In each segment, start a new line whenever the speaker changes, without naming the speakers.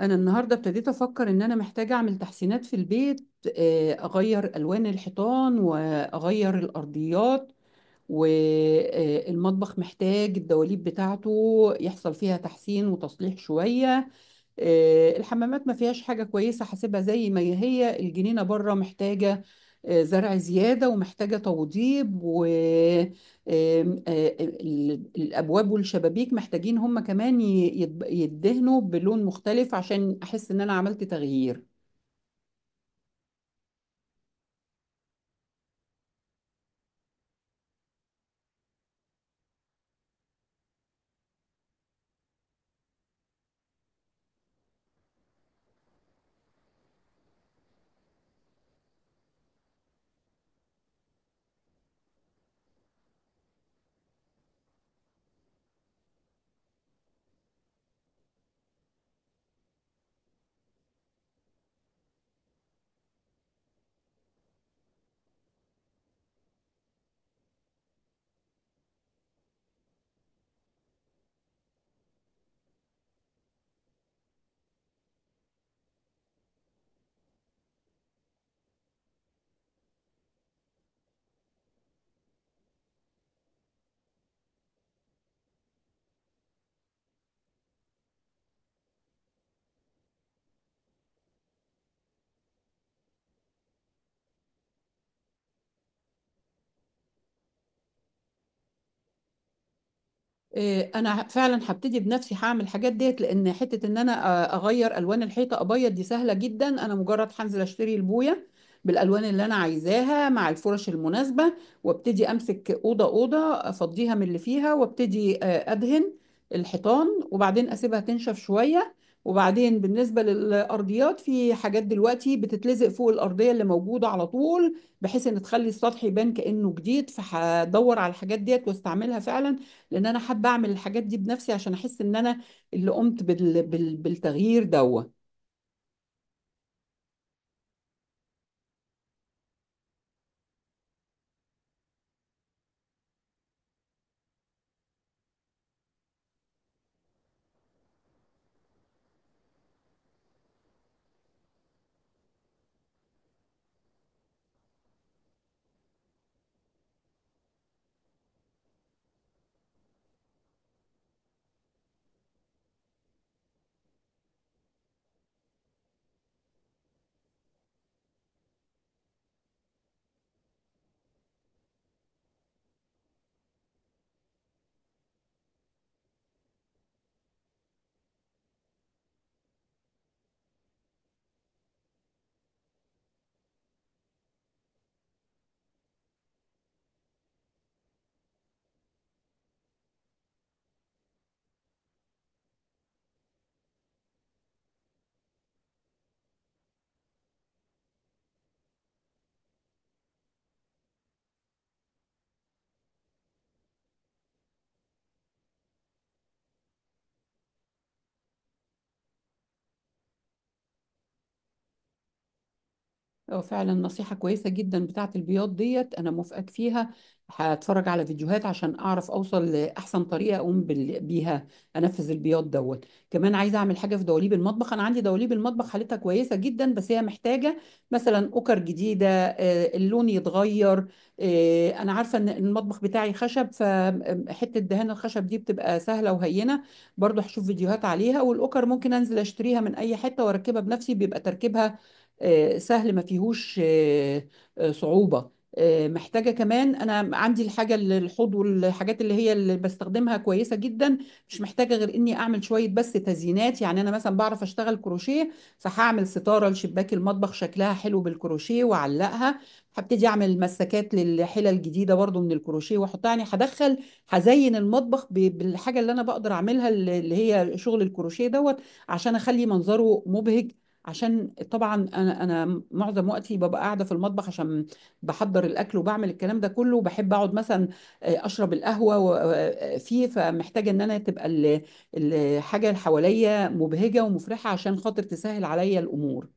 انا النهارده ابتديت افكر ان انا محتاجه اعمل تحسينات في البيت. اغير الوان الحيطان واغير الارضيات، والمطبخ محتاج الدواليب بتاعته يحصل فيها تحسين وتصليح شويه. الحمامات ما فيهاش حاجة كويسة، حاسبها زي ما هي. الجنينة بره محتاجة زرع زيادة ومحتاجة توضيب، و الأبواب والشبابيك محتاجين هم كمان يدهنوا بلون مختلف عشان أحس إن أنا عملت تغيير. إيه، انا فعلا هبتدي بنفسي، هعمل الحاجات ديت. لان حته ان انا اغير الوان الحيطه ابيض دي سهله جدا، انا مجرد هنزل اشتري البويه بالالوان اللي انا عايزاها مع الفرش المناسبه، وابتدي امسك اوضه اوضه افضيها من اللي فيها، وابتدي ادهن الحيطان، وبعدين اسيبها تنشف شويه. وبعدين بالنسبه للارضيات، في حاجات دلوقتي بتتلزق فوق الارضيه اللي موجوده على طول بحيث ان تخلي السطح يبان كانه جديد، فهدور على الحاجات ديت واستعملها فعلا. لان انا حابه اعمل الحاجات دي بنفسي عشان احس ان انا اللي قمت بالتغيير ده. اه، فعلا نصيحة كويسة جدا بتاعة البياض ديت، أنا موافقك فيها. هتفرج على فيديوهات عشان أعرف أوصل لأحسن طريقة أقوم بيها، أنفذ البياض دوت. كمان عايزة أعمل حاجة في دواليب المطبخ. أنا عندي دواليب المطبخ حالتها كويسة جدا، بس هي محتاجة مثلا أكر جديدة، اللون يتغير. أنا عارفة إن المطبخ بتاعي خشب، فحتة دهان الخشب دي بتبقى سهلة وهينة. برضو هشوف فيديوهات عليها، والأكر ممكن أنزل أشتريها من أي حتة وأركبها بنفسي، بيبقى تركيبها سهل، ما فيهوش صعوبة. محتاجة كمان، أنا عندي الحاجة الحوض والحاجات اللي هي اللي بستخدمها كويسة جدا، مش محتاجة غير إني أعمل شوية بس تزيينات. يعني أنا مثلا بعرف أشتغل كروشيه، فهعمل ستارة لشباك المطبخ شكلها حلو بالكروشيه وأعلقها. هبتدي أعمل مسكات للحلل الجديدة برضو من الكروشيه وأحطها. يعني هدخل هزين المطبخ بالحاجة اللي أنا بقدر أعملها، اللي هي شغل الكروشيه دوت، عشان أخلي منظره مبهج. عشان طبعا انا معظم وقتي ببقى قاعده في المطبخ، عشان بحضر الاكل وبعمل الكلام ده كله، وبحب اقعد مثلا اشرب القهوه و- آه، آه، فيه فمحتاجه ان انا تبقى الحاجه اللي حواليا مبهجه ومفرحه، عشان خاطر تسهل عليا الامور.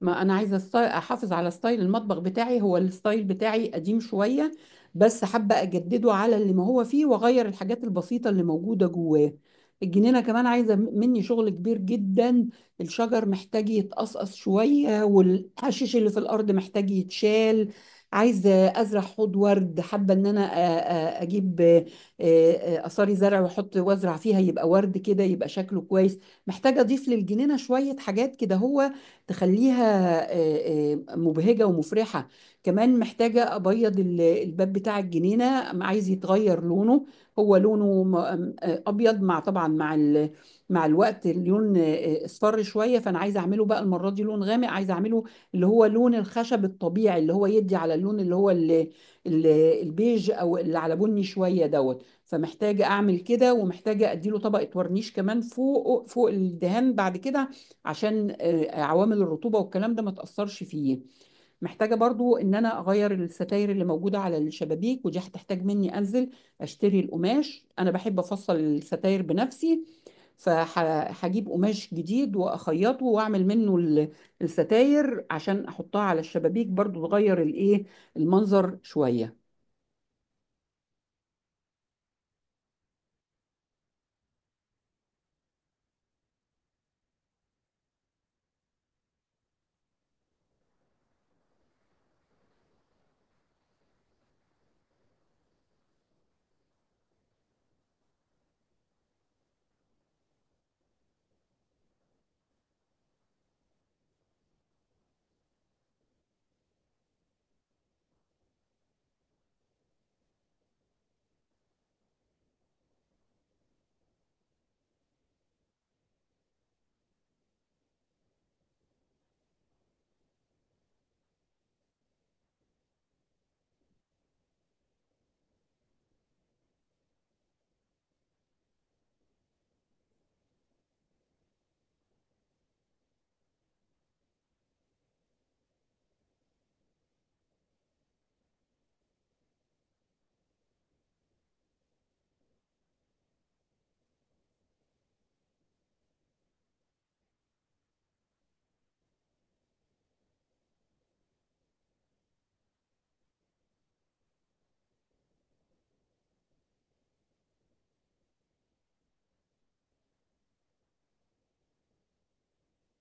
ما انا عايزه احافظ على ستايل المطبخ بتاعي. هو الستايل بتاعي قديم شويه، بس حابه اجدده على اللي ما هو فيه، واغير الحاجات البسيطه اللي موجوده جواه. الجنينه كمان عايزه مني شغل كبير جدا. الشجر محتاج يتقصقص شويه، والحشيش اللي في الارض محتاج يتشال. عايزه ازرع حوض ورد، حابه ان انا اجيب اثاري زرع واحط وازرع فيها، يبقى ورد كده، يبقى شكله كويس. محتاجه اضيف للجنينه شويه حاجات كده، هو تخليها مبهجة ومفرحة. كمان محتاجة أبيض الباب بتاع الجنينة، عايز يتغير لونه. هو لونه أبيض، مع طبعا مع الوقت اللون اصفر شوية، فأنا عايزة أعمله بقى المرة دي لون غامق. عايزة أعمله اللي هو لون الخشب الطبيعي، اللي هو يدي على اللون اللي هو ال- ال- البيج، أو اللي على بني شوية دوت. فمحتاجة أعمل كده، ومحتاجة أديله طبقة ورنيش كمان فوق فوق الدهان بعد كده، عشان عوامل الرطوبة والكلام ده ما تأثرش فيه. محتاجة برضو ان انا اغير الستاير اللي موجودة على الشبابيك، ودي هتحتاج مني انزل اشتري القماش. انا بحب افصل الستاير بنفسي، فهجيب قماش جديد واخيطه واعمل منه الستاير عشان احطها على الشبابيك، برضو تغير الايه، المنظر شوية.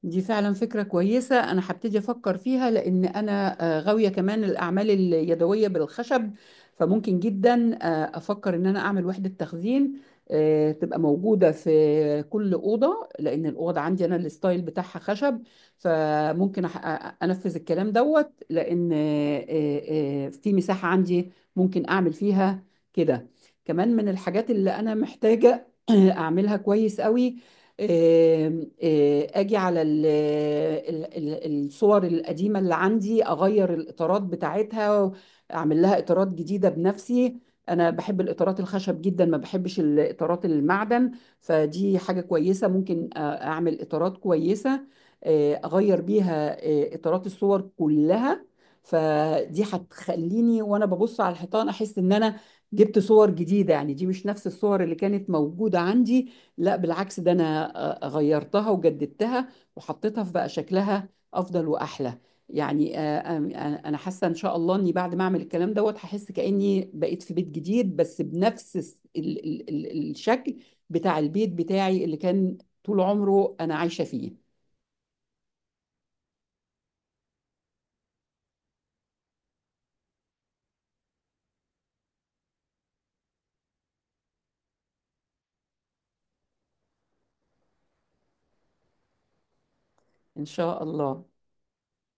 دي فعلا فكرة كويسة، أنا هبتدي أفكر فيها، لأن أنا غاوية كمان الأعمال اليدوية بالخشب. فممكن جدا أفكر إن أنا أعمل وحدة تخزين تبقى موجودة في كل أوضة، لأن الأوضة عندي أنا الستايل بتاعها خشب. فممكن أنفذ الكلام دوت، لأن في مساحة عندي ممكن أعمل فيها كده. كمان من الحاجات اللي أنا محتاجة أعملها كويس قوي، اجي على الصور القديمه اللي عندي، اغير الاطارات بتاعتها، اعمل لها اطارات جديده بنفسي. انا بحب الاطارات الخشب جدا، ما بحبش الاطارات المعدن. فدي حاجه كويسه، ممكن اعمل اطارات كويسه اغير بيها اطارات الصور كلها. فدي هتخليني وانا ببص على الحيطان احس ان انا جبت صور جديده، يعني دي مش نفس الصور اللي كانت موجوده عندي، لا بالعكس، ده انا غيرتها وجددتها وحطيتها في بقى شكلها افضل واحلى. يعني انا حاسه ان شاء الله اني بعد ما اعمل الكلام دوت هحس كاني بقيت في بيت جديد، بس بنفس ال الشكل بتاع البيت بتاعي اللي كان طول عمره انا عايشه فيه، ان شاء الله.